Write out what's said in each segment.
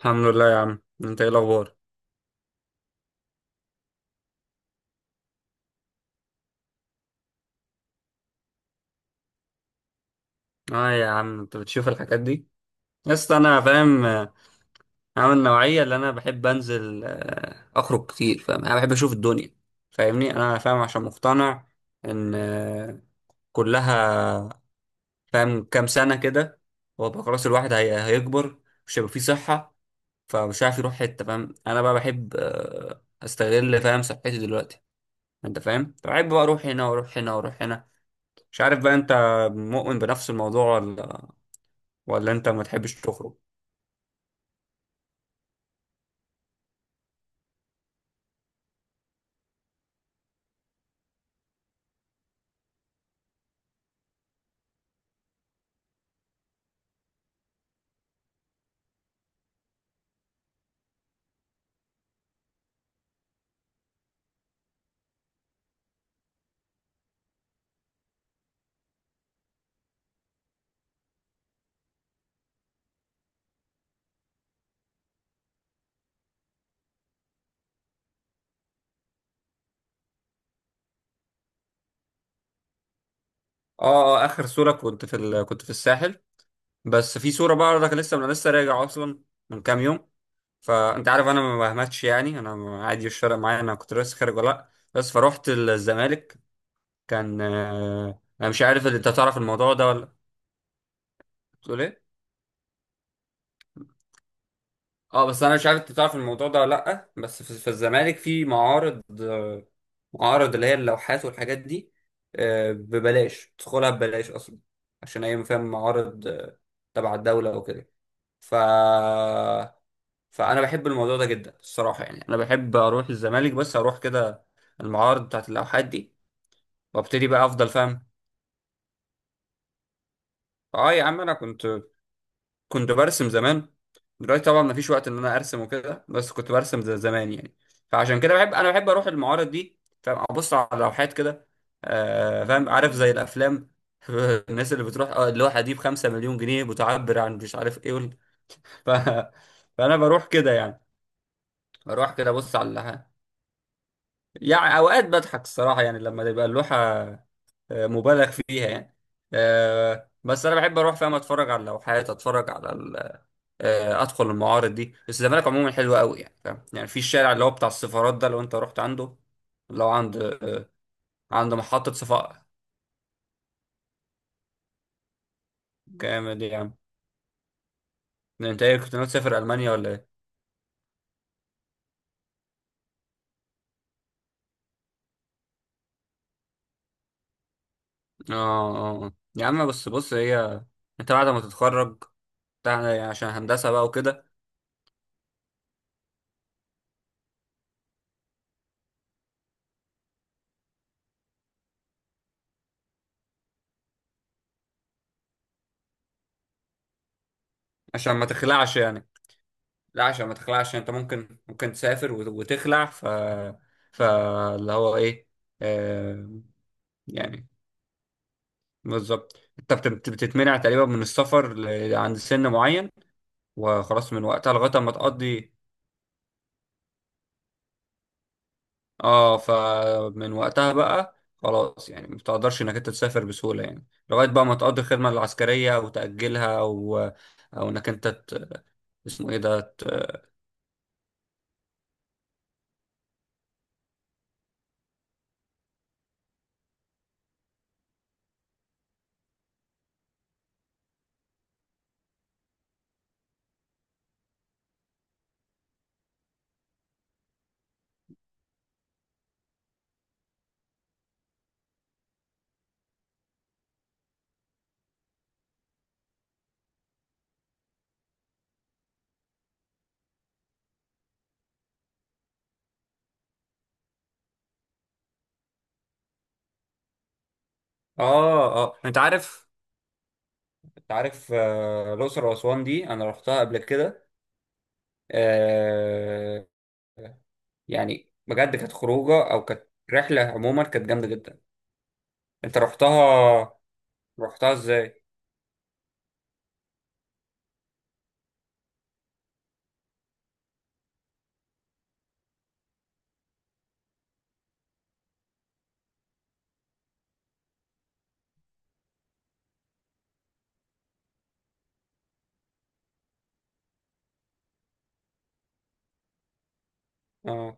الحمد لله يا عم، انت ايه الاخبار؟ اه يا عم، انت بتشوف الحاجات دي؟ بس انا فاهم، عامل نوعيه اللي انا بحب انزل، اخرج كتير. فاهم، انا بحب اشوف الدنيا. فاهمني؟ انا فاهم عشان مقتنع ان كلها. فاهم؟ كام سنه كده وابقى خلاص الواحد هيكبر. مش هيبقى فيه صحه. فمش عارف يروح حته. فاهم، انا بقى بحب استغل، فاهم، صحتي دلوقتي. انت فاهم؟ فبحب بقى اروح هنا واروح هنا واروح هنا. مش عارف بقى، انت مؤمن بنفس الموضوع ولا؟ ولا انت ما تحبش تخرج؟ اه، اه، اخر صورة كنت في الساحل. بس في صورة بقى انا لسه راجع اصلا من كام يوم. فانت عارف، انا ما بهمتش يعني، انا عادي مش فارق معايا انا كنت لسه خارج ولا لا، بس فروحت الزمالك. كان، انا مش عارف انت تعرف الموضوع ده ولا؟ بتقول ايه؟ اه، بس انا مش عارف انت تعرف الموضوع ده ولا لا. بس في الزمالك في معارض، معارض اللي هي اللوحات والحاجات دي. ببلاش تدخلها، ببلاش اصلا. عشان هي فاهم معارض، تبع الدولة وكده. ف فانا بحب الموضوع ده جدا الصراحة يعني، انا بحب اروح الزمالك بس اروح كده. المعارض بتاعت اللوحات دي. وابتدي بقى افضل، فاهم؟ اه يا عم، انا كنت برسم زمان. دلوقتي طبعا مفيش وقت ان انا ارسم وكده، بس كنت برسم زي زمان يعني. فعشان كده انا بحب اروح المعارض دي، فاهم؟ ابص على لوحات كده. فاهم، عارف؟ زي الافلام. الناس اللي بتروح، اللوحه دي ب5 مليون جنيه بتعبر عن مش عارف ايه، ف... فانا بروح كده يعني. بروح كده ابص على اللوحه. يعني اوقات بضحك الصراحه يعني لما تبقى اللوحه مبالغ فيها يعني. بس انا بحب اروح، فاهم؟ اتفرج على اللوحات، اتفرج على ادخل المعارض دي. بس الزمالك عموما حلوه قوي، يعني فاهم؟ يعني في الشارع اللي هو بتاع السفارات ده لو انت رحت عنده. لو عند آه، عند محطه صفاء. جامد يا عم! ده انت ايه، كنت ناوي تسافر المانيا ولا ايه؟ اه، اه، آه. يا عم بس بص، هي انت بعد ما تتخرج بتاع يعني عشان هندسه بقى وكده. عشان ما تخلعش يعني؟ لا، عشان ما تخلعش يعني. انت ممكن تسافر وتخلع. فاللي هو ايه، آه، يعني بالظبط انت بتتمنع تقريبا من السفر عند سن معين. وخلاص من وقتها لغايه ما تقضي. اه، فمن وقتها بقى خلاص يعني ما بتقدرش انك انت تسافر بسهوله يعني. لغايه بقى ما تقضي الخدمه العسكريه او تاجلها، او او انك انت ت... اسمه ايه ده اه، اه، انت عارف؟ انت عارف، الاقصر واسوان دي انا رحتها قبل كده. آه... يعني بجد كانت خروجه، او كانت رحله عموما كانت جامده جدا. انت رحتها؟ رحتها ازاي؟ اه،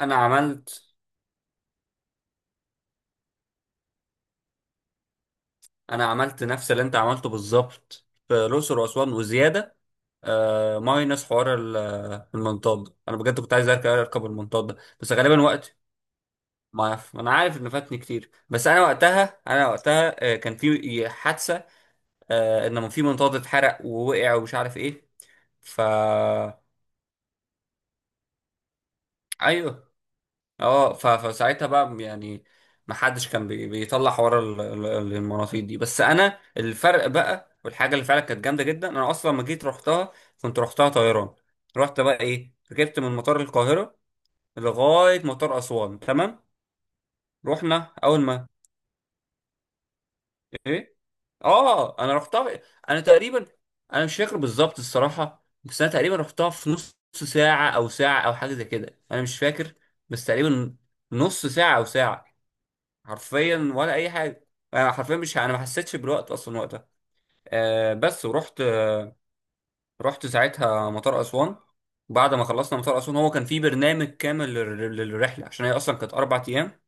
انا عملت انا عملت نفس اللي انت عملته بالظبط في الاقصر واسوان وزياده. ماينس حوار المنطاد ده. انا بجد كنت عايز اركب المنطاد ده، بس غالبا وقت. ما عارف انا عارف ان فاتني كتير. بس انا وقتها كان في حادثه. ان في منطاد اتحرق ووقع ومش عارف ايه. ف ايوه. اه، فساعتها بقى يعني ما حدش كان بيطلع حوار المناطيد دي. بس انا الفرق بقى والحاجه اللي فعلا كانت جامده جدا انا اصلا لما جيت رحتها، كنت رحتها طيران. رحت بقى ايه، ركبت من مطار القاهره لغايه مطار اسوان، تمام. رحنا اول ما ايه؟ اه، انا رحتها، انا تقريبا انا مش فاكر بالظبط الصراحه. بس انا تقريبا رحتها في نص ساعه او ساعه او حاجه زي كده، انا مش فاكر. بس تقريبا نص ساعه او ساعه حرفيا ولا اي حاجه. انا حرفيا مش انا ما حسيتش بالوقت اصلا وقتها. بس ورحت. رحت ساعتها مطار اسوان. بعد ما خلصنا مطار اسوان، هو كان في برنامج كامل للرحله، عشان هي اصلا كانت 4 ايام.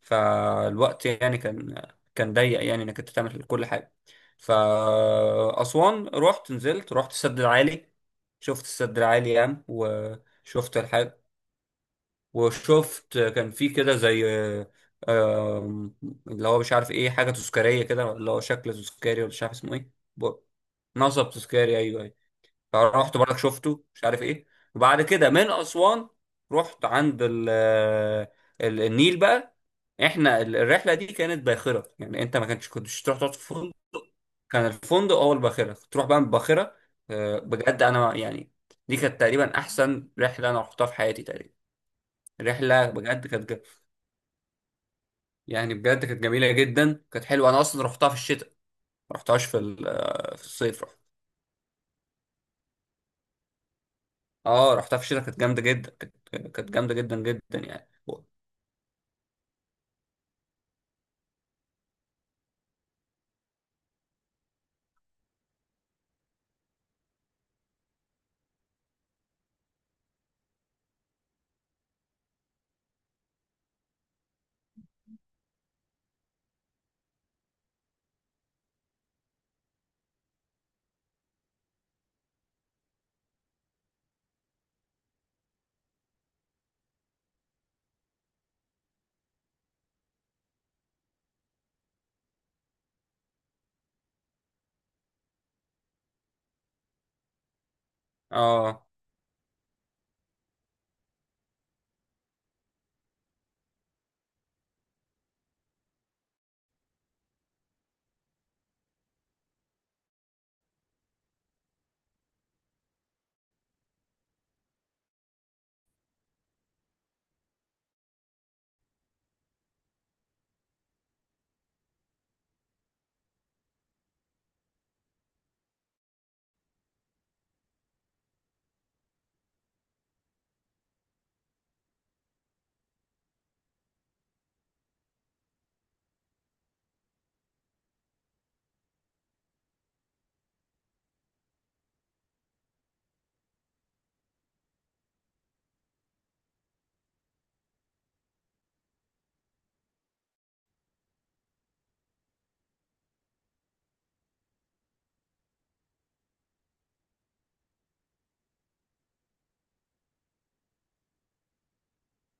فالوقت يعني كان ضيق يعني انك انت تعمل كل حاجه. فاسوان، رحت نزلت رحت السد العالي. شفت السد العالي يعني، وشفت الحاج، وشفت كان في كده زي، آم، اللي هو مش عارف ايه، حاجة تذكارية كده، اللي هو شكل تذكاري ولا مش عارف اسمه ايه. ب- نصب تذكاري، ايوه، ايوه. فرحت برضك شفته مش عارف ايه. وبعد كده من اسوان رحت عند النيل بقى. احنا الرحله دي كانت باخره، يعني انت ما كنتش تروح تقعد في فندق. كان الفندق هو الباخره، كنت تروح بقى من الباخره. بجد انا يعني، دي كانت تقريبا احسن رحله انا رحتها في حياتي تقريبا. رحله بجد كانت، يعني بجد كانت جميله جدا، كانت حلوه. انا اصلا رحتها في الشتاء، ما رحتهاش في في الصيف رحت. اه، رحتها في الشتاء كانت جامده جدا. كانت جامده جدا جدا يعني. اه،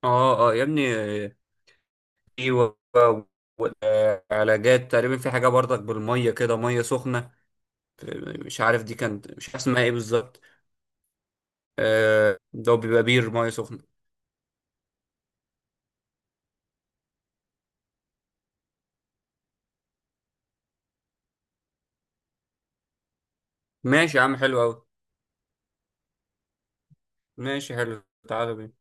اه، اه يا ابني. ايوه، والعلاجات تقريبا في حاجه برضك بالميه كده، ميه سخنه. مش عارف دي كانت، مش عارف اسمها ايه بالظبط. ده بيبقى بير ميه سخنه. ماشي يا عم، حلو قوي. ماشي حلو. تعالى بينا.